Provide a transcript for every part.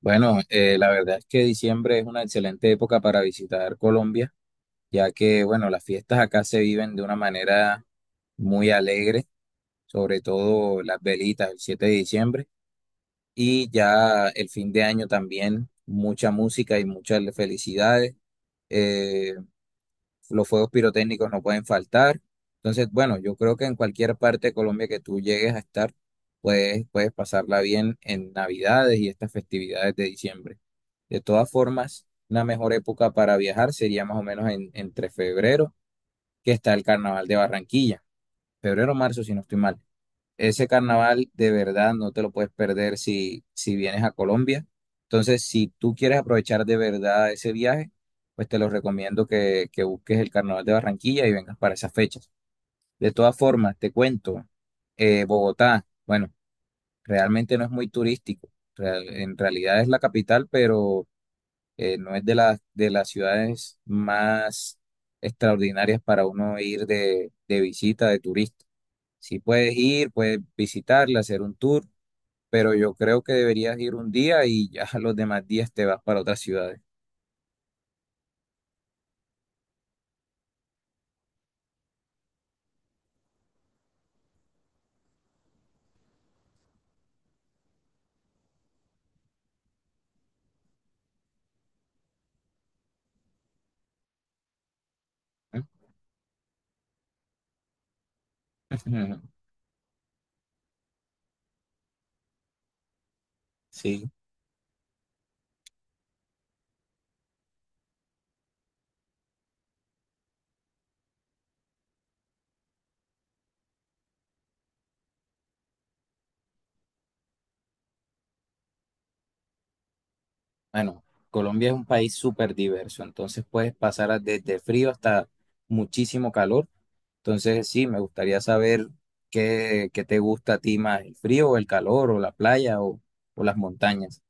Bueno, la verdad es que diciembre es una excelente época para visitar Colombia, ya que, bueno, las fiestas acá se viven de una manera muy alegre, sobre todo las velitas el 7 de diciembre y ya el fin de año también mucha música y muchas felicidades. Eh, los fuegos pirotécnicos no pueden faltar. Entonces, bueno, yo creo que en cualquier parte de Colombia que tú llegues a estar, puedes pasarla bien en Navidades y estas festividades de diciembre. De todas formas, una mejor época para viajar sería más o menos entre febrero, que está el carnaval de Barranquilla. Febrero o marzo, si no estoy mal. Ese carnaval de verdad no te lo puedes perder si vienes a Colombia. Entonces, si tú quieres aprovechar de verdad ese viaje, pues te lo recomiendo que busques el carnaval de Barranquilla y vengas para esas fechas. De todas formas, te cuento, Bogotá, bueno, realmente no es muy turístico. En realidad es la capital, pero no es de las ciudades más extraordinarias para uno ir de visita, de turista. Si puedes ir, puedes visitarla, hacer un tour, pero yo creo que deberías ir un día y ya los demás días te vas para otras ciudades. Sí, bueno, Colombia es un país súper diverso, entonces puedes pasar desde frío hasta muchísimo calor. Entonces sí, me gustaría saber qué te gusta a ti más, el frío o el calor o la playa o las montañas.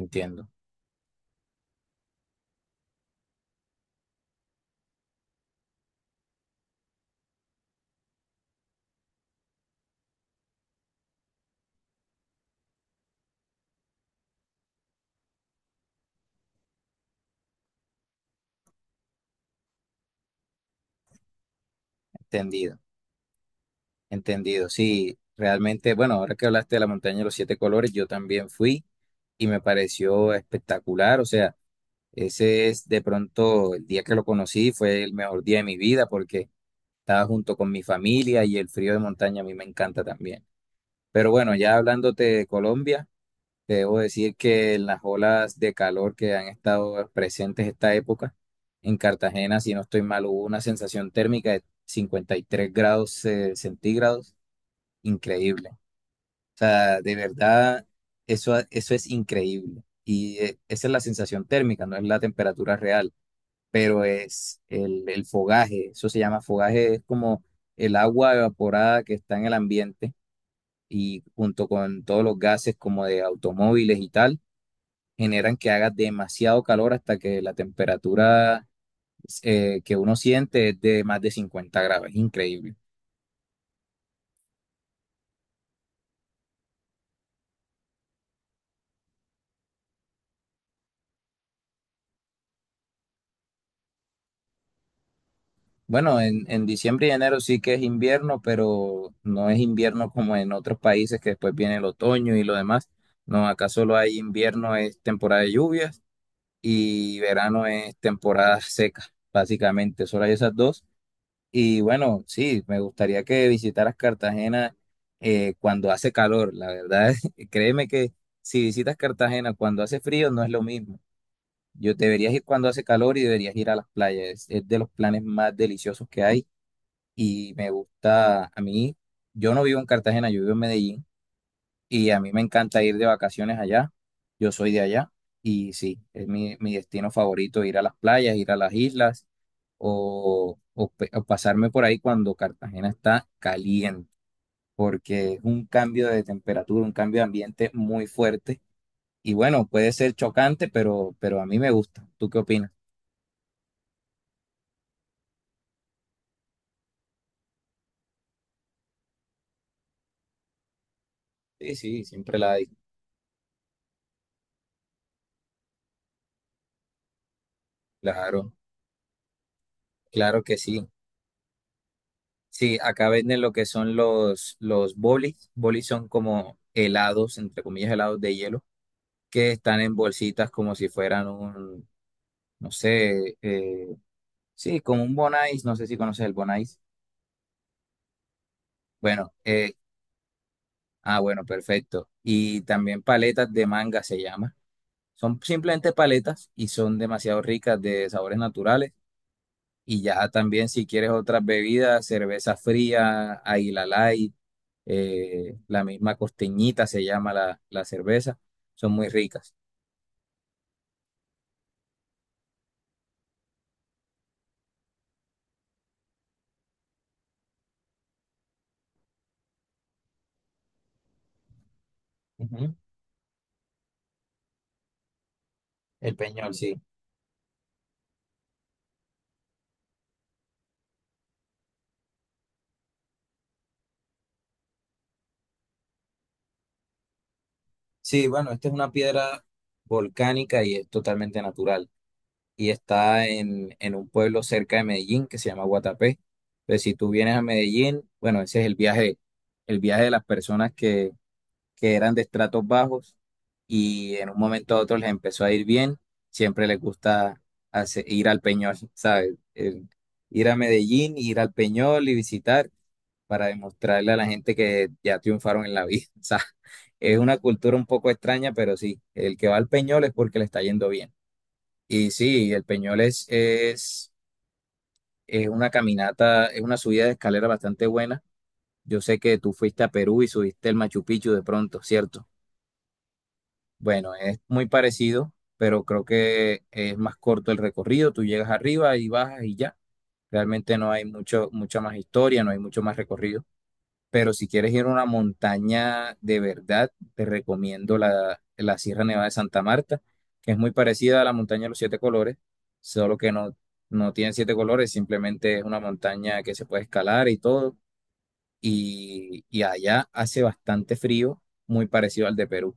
Entiendo, entendido, entendido. Sí, realmente, bueno, ahora que hablaste de la montaña de los siete colores, yo también fui y me pareció espectacular. O sea, ese es de pronto el día que lo conocí, fue el mejor día de mi vida porque estaba junto con mi familia y el frío de montaña a mí me encanta también. Pero bueno, ya hablándote de Colombia. Debo decir que en las olas de calor que han estado presentes esta época, en Cartagena, si no estoy mal, hubo una sensación térmica de 53 grados centígrados, increíble. O sea, de verdad, eso es increíble. Y esa es la sensación térmica, no es la temperatura real, pero es el fogaje, eso se llama fogaje, es como el agua evaporada que está en el ambiente y junto con todos los gases como de automóviles y tal generan que haga demasiado calor hasta que la temperatura que uno siente es de más de 50 grados. Es increíble. Bueno, en diciembre y enero sí que es invierno, pero no es invierno como en otros países que después viene el otoño y lo demás. No, acá solo hay invierno, es temporada de lluvias y verano es temporada seca, básicamente. Solo hay esas dos. Y bueno, sí, me gustaría que visitaras Cartagena cuando hace calor, la verdad. Créeme que si visitas Cartagena cuando hace frío no es lo mismo. Yo deberías ir cuando hace calor y deberías ir a las playas. Es de los planes más deliciosos que hay y me gusta a mí. Yo no vivo en Cartagena, yo vivo en Medellín y a mí me encanta ir de vacaciones allá. Yo soy de allá. Y sí, es mi, mi destino favorito, ir a las playas, ir a las islas o pasarme por ahí cuando Cartagena está caliente, porque es un cambio de temperatura, un cambio de ambiente muy fuerte. Y bueno, puede ser chocante, pero a mí me gusta. ¿Tú qué opinas? Sí, sí, siempre la hay. Claro, claro que sí. Sí, acá venden lo que son los bolis. Bolis son como helados, entre comillas, helados de hielo que están en bolsitas como si fueran un, no sé, sí, como un bonais, no sé si conoces el bonais. Bueno, ah, bueno, perfecto. Y también paletas de manga se llama. Son simplemente paletas y son demasiado ricas de sabores naturales. Y ya también si quieres otras bebidas, cerveza fría, Águila Light, la misma costeñita se llama la cerveza, son muy ricas. Ujú. El Peñol, sí. Sí, bueno, esta es una piedra volcánica y es totalmente natural. Y está en un pueblo cerca de Medellín que se llama Guatapé. Entonces, si tú vienes a Medellín, bueno, ese es el viaje de las personas que eran de estratos bajos y en un momento a otro les empezó a ir bien. Siempre les gusta ir al Peñol, ¿sabes? El ir a Medellín, ir al Peñol y visitar para demostrarle a la gente que ya triunfaron en la vida. O sea, es una cultura un poco extraña, pero sí, el que va al Peñol es porque le está yendo bien. Y sí, el Peñol es una caminata, es una subida de escalera bastante buena. Yo sé que tú fuiste a Perú y subiste el Machu Picchu de pronto, ¿cierto? Bueno, es muy parecido, pero creo que es más corto el recorrido. Tú llegas arriba y bajas y ya. Realmente no hay mucho, mucha más historia, no hay mucho más recorrido. Pero si quieres ir a una montaña de verdad, te recomiendo la Sierra Nevada de Santa Marta, que es muy parecida a la montaña de los siete colores, solo que no, no tiene siete colores, simplemente es una montaña que se puede escalar y todo. Y allá hace bastante frío, muy parecido al de Perú.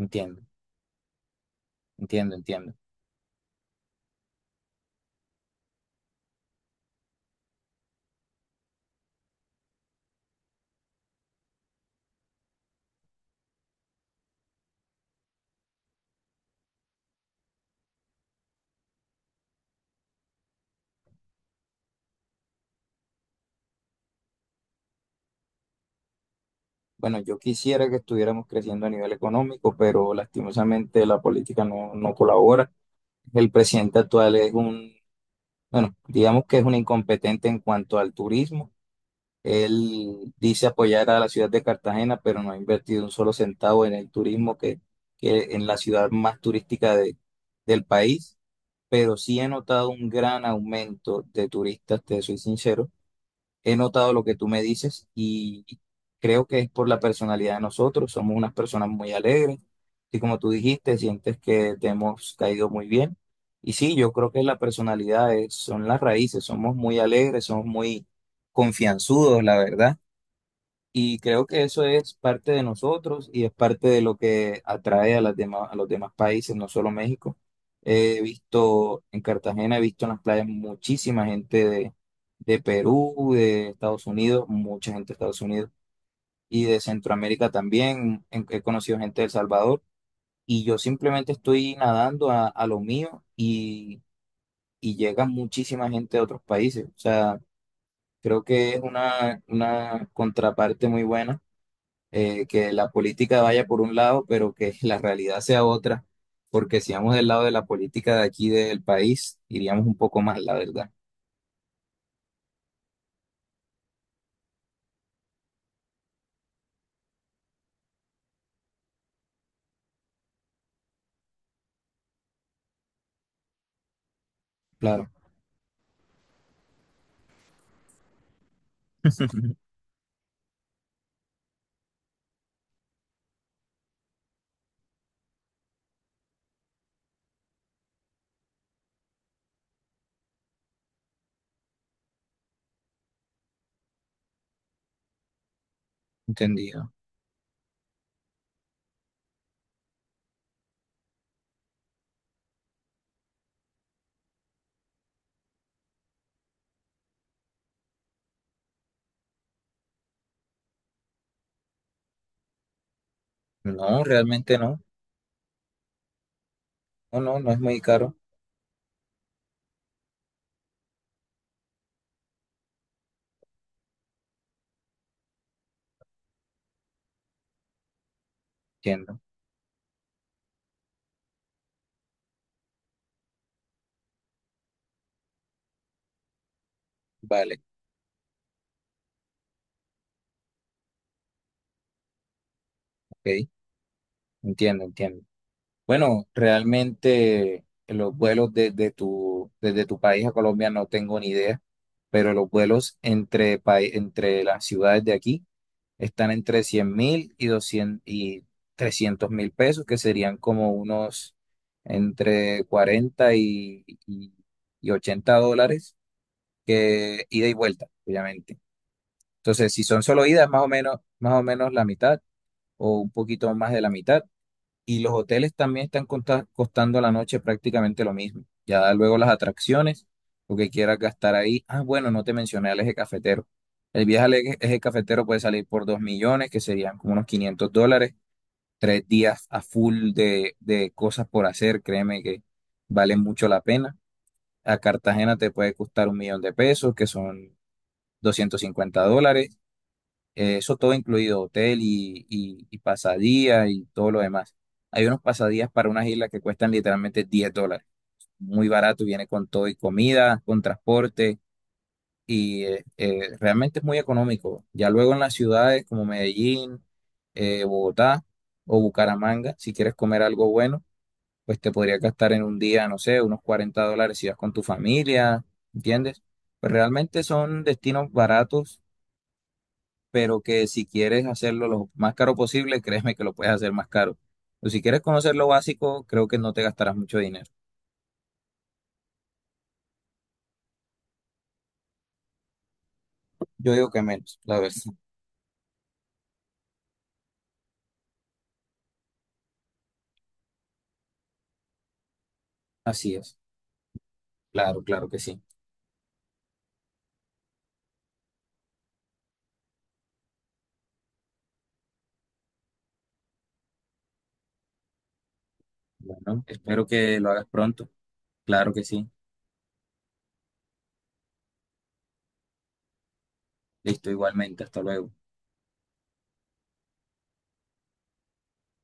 Entiendo, entiendo, entiendo. Bueno, yo quisiera que estuviéramos creciendo a nivel económico, pero lastimosamente la política no, no colabora. El presidente actual es un... Bueno, digamos que es un incompetente en cuanto al turismo. Él dice apoyar a la ciudad de Cartagena, pero no ha invertido un solo centavo en el turismo, que en la ciudad más turística de- del país. Pero sí he notado un gran aumento de turistas, te soy sincero. He notado lo que tú me dices y creo que es por la personalidad de nosotros. Somos unas personas muy alegres y como tú dijiste, sientes que te hemos caído muy bien. Y sí, yo creo que la personalidad es, son las raíces. Somos muy alegres, somos muy confianzudos, la verdad. Y creo que eso es parte de nosotros y es parte de lo que atrae a las demás, a los demás países, no solo México. He visto en Cartagena, he visto en las playas muchísima gente de Perú, de Estados Unidos, mucha gente de Estados Unidos y de Centroamérica también. He conocido gente de El Salvador y yo simplemente estoy nadando a lo mío y llega muchísima gente de otros países. O sea, creo que es una contraparte muy buena que la política vaya por un lado, pero que la realidad sea otra, porque si vamos del lado de la política de aquí del país, iríamos un poco más, la verdad. Claro, entendido. No, realmente no. No, no, no es muy caro. Entiendo. Vale, ok. Entiendo, entiendo. Bueno, realmente los vuelos desde tu país a Colombia no tengo ni idea, pero los vuelos entre, entre las ciudades de aquí. Están entre 100.000 y 200 y 300.000 pesos, que serían como unos entre 40 y $80, que ida y vuelta, obviamente. Entonces, si son solo idas, más o menos la mitad o un poquito más de la mitad y los hoteles también están costando a la noche prácticamente lo mismo. Ya luego las atracciones, lo que quieras gastar ahí. Ah, bueno, no te mencioné al eje cafetero. El viaje al eje cafetero puede salir por 2 millones, que serían como unos $500. Tres días a full de cosas por hacer, créeme que vale mucho la pena. A Cartagena te puede costar 1 millón de pesos, que son $250. Eso todo incluido, hotel y pasadía y todo lo demás. Hay unos pasadías para unas islas que cuestan literalmente $10. Muy barato, viene con todo y comida, con transporte y realmente es muy económico. Ya luego en las ciudades como Medellín, Bogotá o Bucaramanga, si quieres comer algo bueno, pues te podría gastar en un día, no sé, unos $40 si vas con tu familia, ¿entiendes? Pues realmente son destinos baratos pero que si quieres hacerlo lo más caro posible, créeme que lo puedes hacer más caro. Pero si quieres conocer lo básico, creo que no te gastarás mucho dinero. Yo digo que menos, la verdad. Así es. Claro, claro que sí. Bueno, espero que lo hagas pronto. Claro que sí. Listo, igualmente. Hasta luego.